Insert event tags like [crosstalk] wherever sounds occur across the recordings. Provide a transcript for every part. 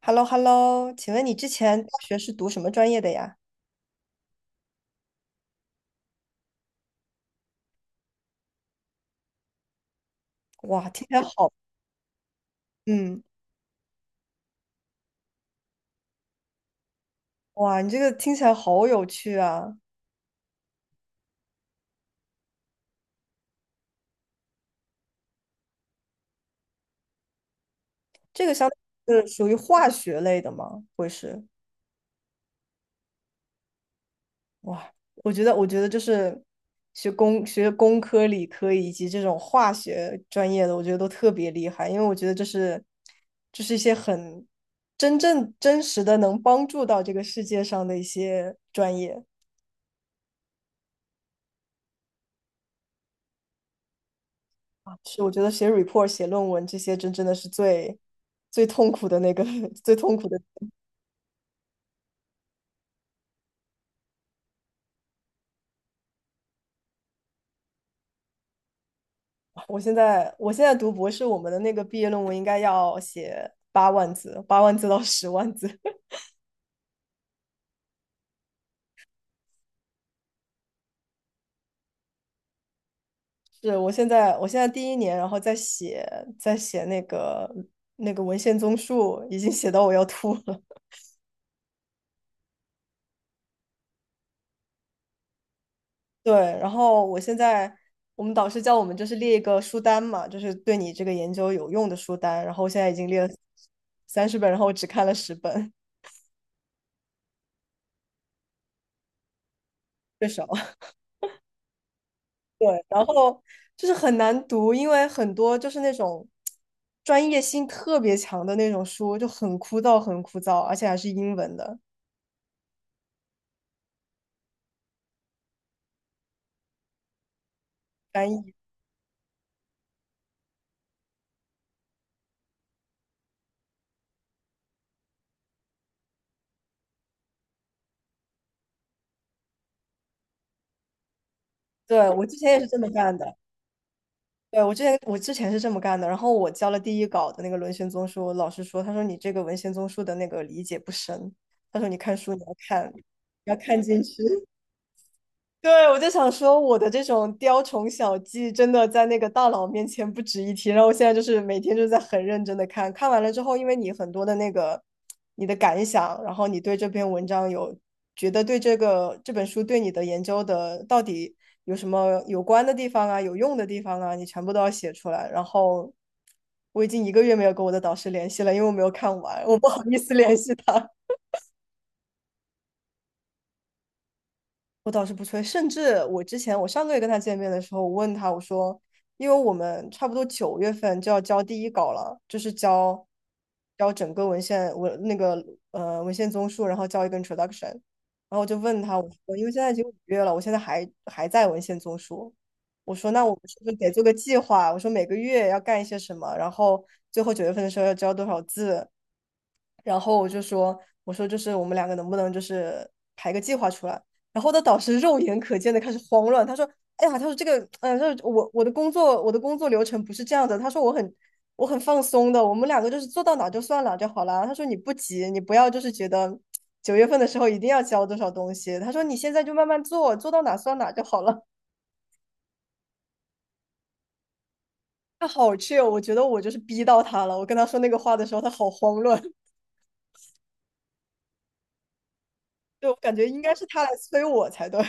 H e l l o, 请问你之前大学是读什么专业的呀？哇，听起来好。嗯。哇，你这个听起来好有趣啊！这个相当于是属于化学类的吗？会是？哇，我觉得就是学工科、理科以及这种化学专业的，我觉得都特别厉害，因为我觉得这是一些很真正真实的能帮助到这个世界上的一些专业。啊是，我觉得写 report、写论文这些，真真的是最最痛苦的那个 [laughs] 最痛苦的。我现在读博士，我们的那个毕业论文应该要写八万字，八万字到10万字。[laughs] 是，我现在第一年，然后在写那个文献综述，已经写到我要吐了。[laughs] 对，然后我现在我们导师叫我们就是列一个书单嘛，就是对你这个研究有用的书单，然后我现在已经列了30本，然后我只看了十本。[laughs] 最少。对，然后就是很难读，因为很多就是那种专业性特别强的那种书，就很枯燥，很枯燥，而且还是英文的翻译。对，我之前也是这么干的。对，我之前是这么干的，然后我交了第一稿的那个文献综述，老师说，他说你这个文献综述的那个理解不深，他说你看书你要看，要看进去。对，我就想说，我的这种雕虫小技，真的在那个大佬面前不值一提。然后我现在就是每天就在很认真的看，看完了之后，因为你很多的那个你的感想，然后你对这篇文章有觉得对这个这本书对你的研究的到底有什么有关的地方啊，有用的地方啊，你全部都要写出来。然后我已经一个月没有跟我的导师联系了，因为我没有看完，我不好意思联系他。我倒是不催，甚至我之前我上个月跟他见面的时候，我问他我说，因为我们差不多九月份就要交第一稿了，就是交整个文献文那个呃文献综述，然后交一个 introduction，然后我就问他我说，因为现在已经5月了，我现在还在文献综述，我说那我们是不是得做个计划？我说每个月要干一些什么，然后最后九月份的时候要交多少字，然后我就说，我说就是我们两个能不能就是排个计划出来？然后我的导师肉眼可见的开始慌乱，他说：“哎呀，这个，就是我的工作流程不是这样的。”他说我很放松的，我们两个就是做到哪就算哪就好啦。他说你不急，你不要就是觉得九月份的时候一定要交多少东西。他说你现在就慢慢做，做到哪算哪就好了。他好 我觉得我就是逼到他了。我跟他说那个话的时候，他好慌乱。[laughs] 对，我感觉应该是他来催我才对。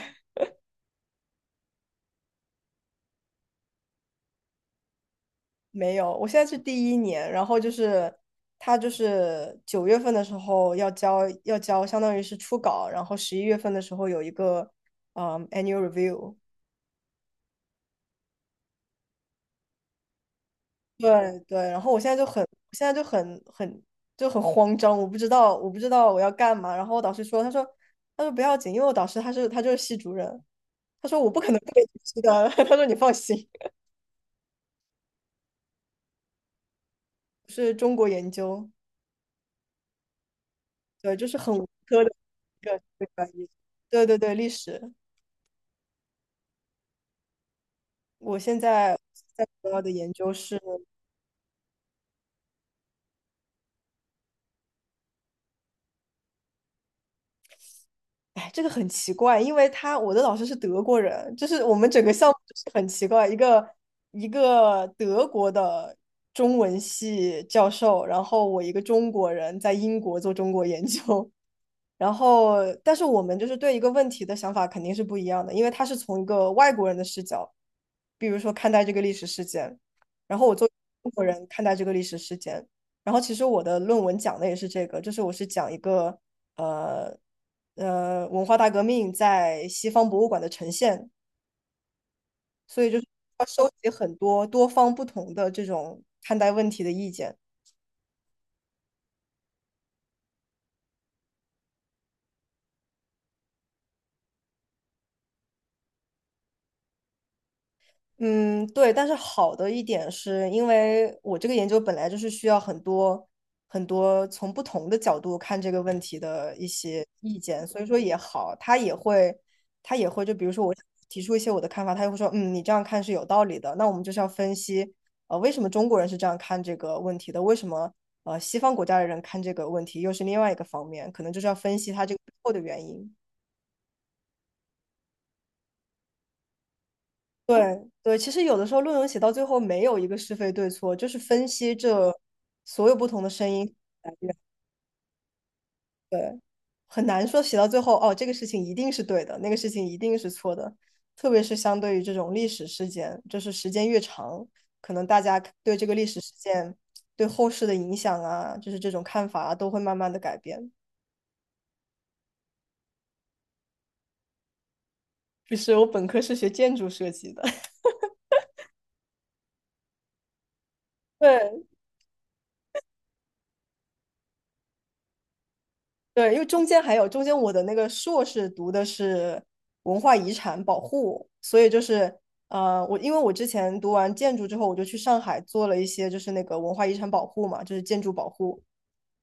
没有，我现在是第一年，然后就是他就是九月份的时候要交，相当于是初稿，然后11月份的时候有一个annual review，对对，然后我现在就很慌张，我不知道我要干嘛，然后我导师说，他说不要紧，因为我导师他就是系主任，他说我不可能不给你批的。[laughs] 他说你放心，是中国研究。对，就是很文科的一个专业，对对对，历史。我现在在主要的研究是，哎，这个很奇怪，因为我的老师是德国人，就是我们整个项目就是很奇怪，一个德国的中文系教授，然后我一个中国人在英国做中国研究。然后，但是我们就是对一个问题的想法肯定是不一样的，因为他是从一个外国人的视角，比如说看待这个历史事件，然后我作为中国人看待这个历史事件，然后其实我的论文讲的也是这个，就是我是讲一个呃文化大革命在西方博物馆的呈现，所以就是要收集很多多方不同的这种看待问题的意见。嗯，对，但是好的一点是因为我这个研究本来就是需要很多很多从不同的角度看这个问题的一些意见，所以说也好，他也会就比如说我提出一些我的看法，他也会说，嗯，你这样看是有道理的，那我们就是要分析，为什么中国人是这样看这个问题的，为什么西方国家的人看这个问题又是另外一个方面，可能就是要分析他这个背后的原因。对对，其实有的时候论文写到最后没有一个是非对错，就是分析这所有不同的声音。对，很难说写到最后哦，这个事情一定是对的，那个事情一定是错的。特别是相对于这种历史事件，就是时间越长，可能大家对这个历史事件对后世的影响啊，就是这种看法啊，都会慢慢的改变。[laughs] 就是我本科是学建筑设计的。[laughs] 对对，因为中间我的那个硕士读的是文化遗产保护，所以就是我因为我之前读完建筑之后，我就去上海做了一些就是那个文化遗产保护嘛，就是建筑保护，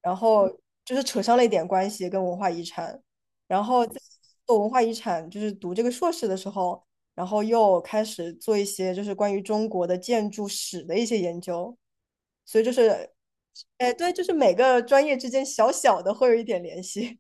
然后就是扯上了一点关系跟文化遗产，然后在做文化遗产就是读这个硕士的时候，然后又开始做一些就是关于中国的建筑史的一些研究，所以就是，哎，对，就是每个专业之间小小的会有一点联系。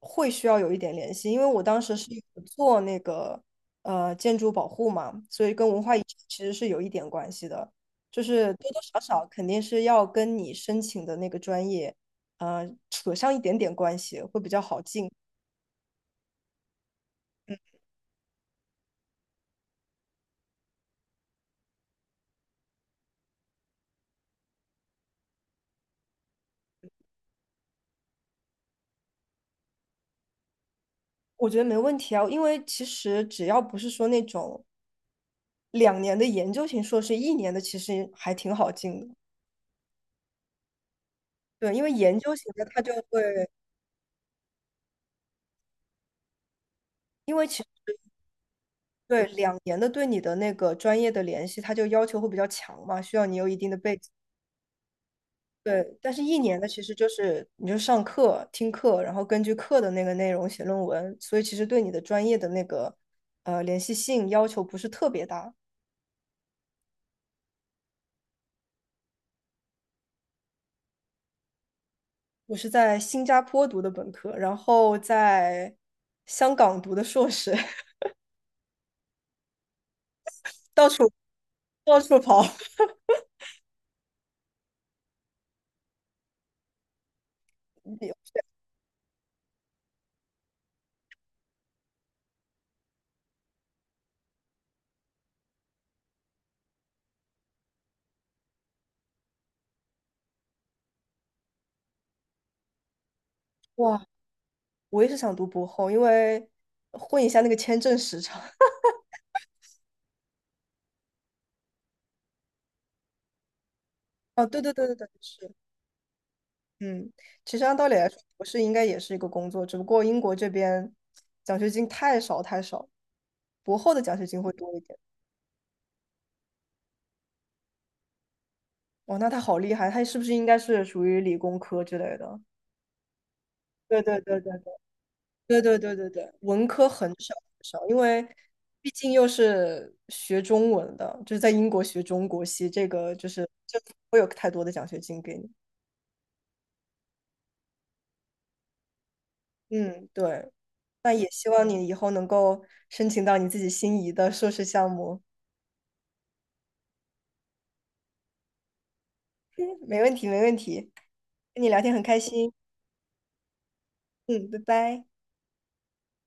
会需要有一点联系，因为我当时是有做那个建筑保护嘛，所以跟文化遗产其实是有一点关系的，就是多多少少肯定是要跟你申请的那个专业，扯上一点点关系会比较好进。我觉得没问题啊，因为其实只要不是说那种两年的研究型硕士，一年的其实还挺好进的。对，因为研究型的他就会，因为其实对，两年的对你的那个专业的联系，它就要求会比较强嘛，需要你有一定的背景。对，但是一年的其实就是你就上课、听课，然后根据课的那个内容写论文，所以其实对你的专业的那个联系性要求不是特别大。我是在新加坡读的本科，然后在香港读的硕士。[laughs] 到处到处跑。[laughs] 哇，我也是想读博后，因为混一下那个签证时长。[laughs] 哦，对对对对对，是。嗯，其实按道理来说，博士应该也是一个工作，只不过英国这边奖学金太少太少，博后的奖学金会多一点。哇，那他好厉害，他是不是应该是属于理工科之类的？对对对对对对对对对，文科很少很少，因为毕竟又是学中文的，就是在英国学中国系，这个就是不会有太多的奖学金给你。嗯，对，那也希望你以后能够申请到你自己心仪的硕士项目。没问题，没问题，跟你聊天很开心。嗯，拜拜。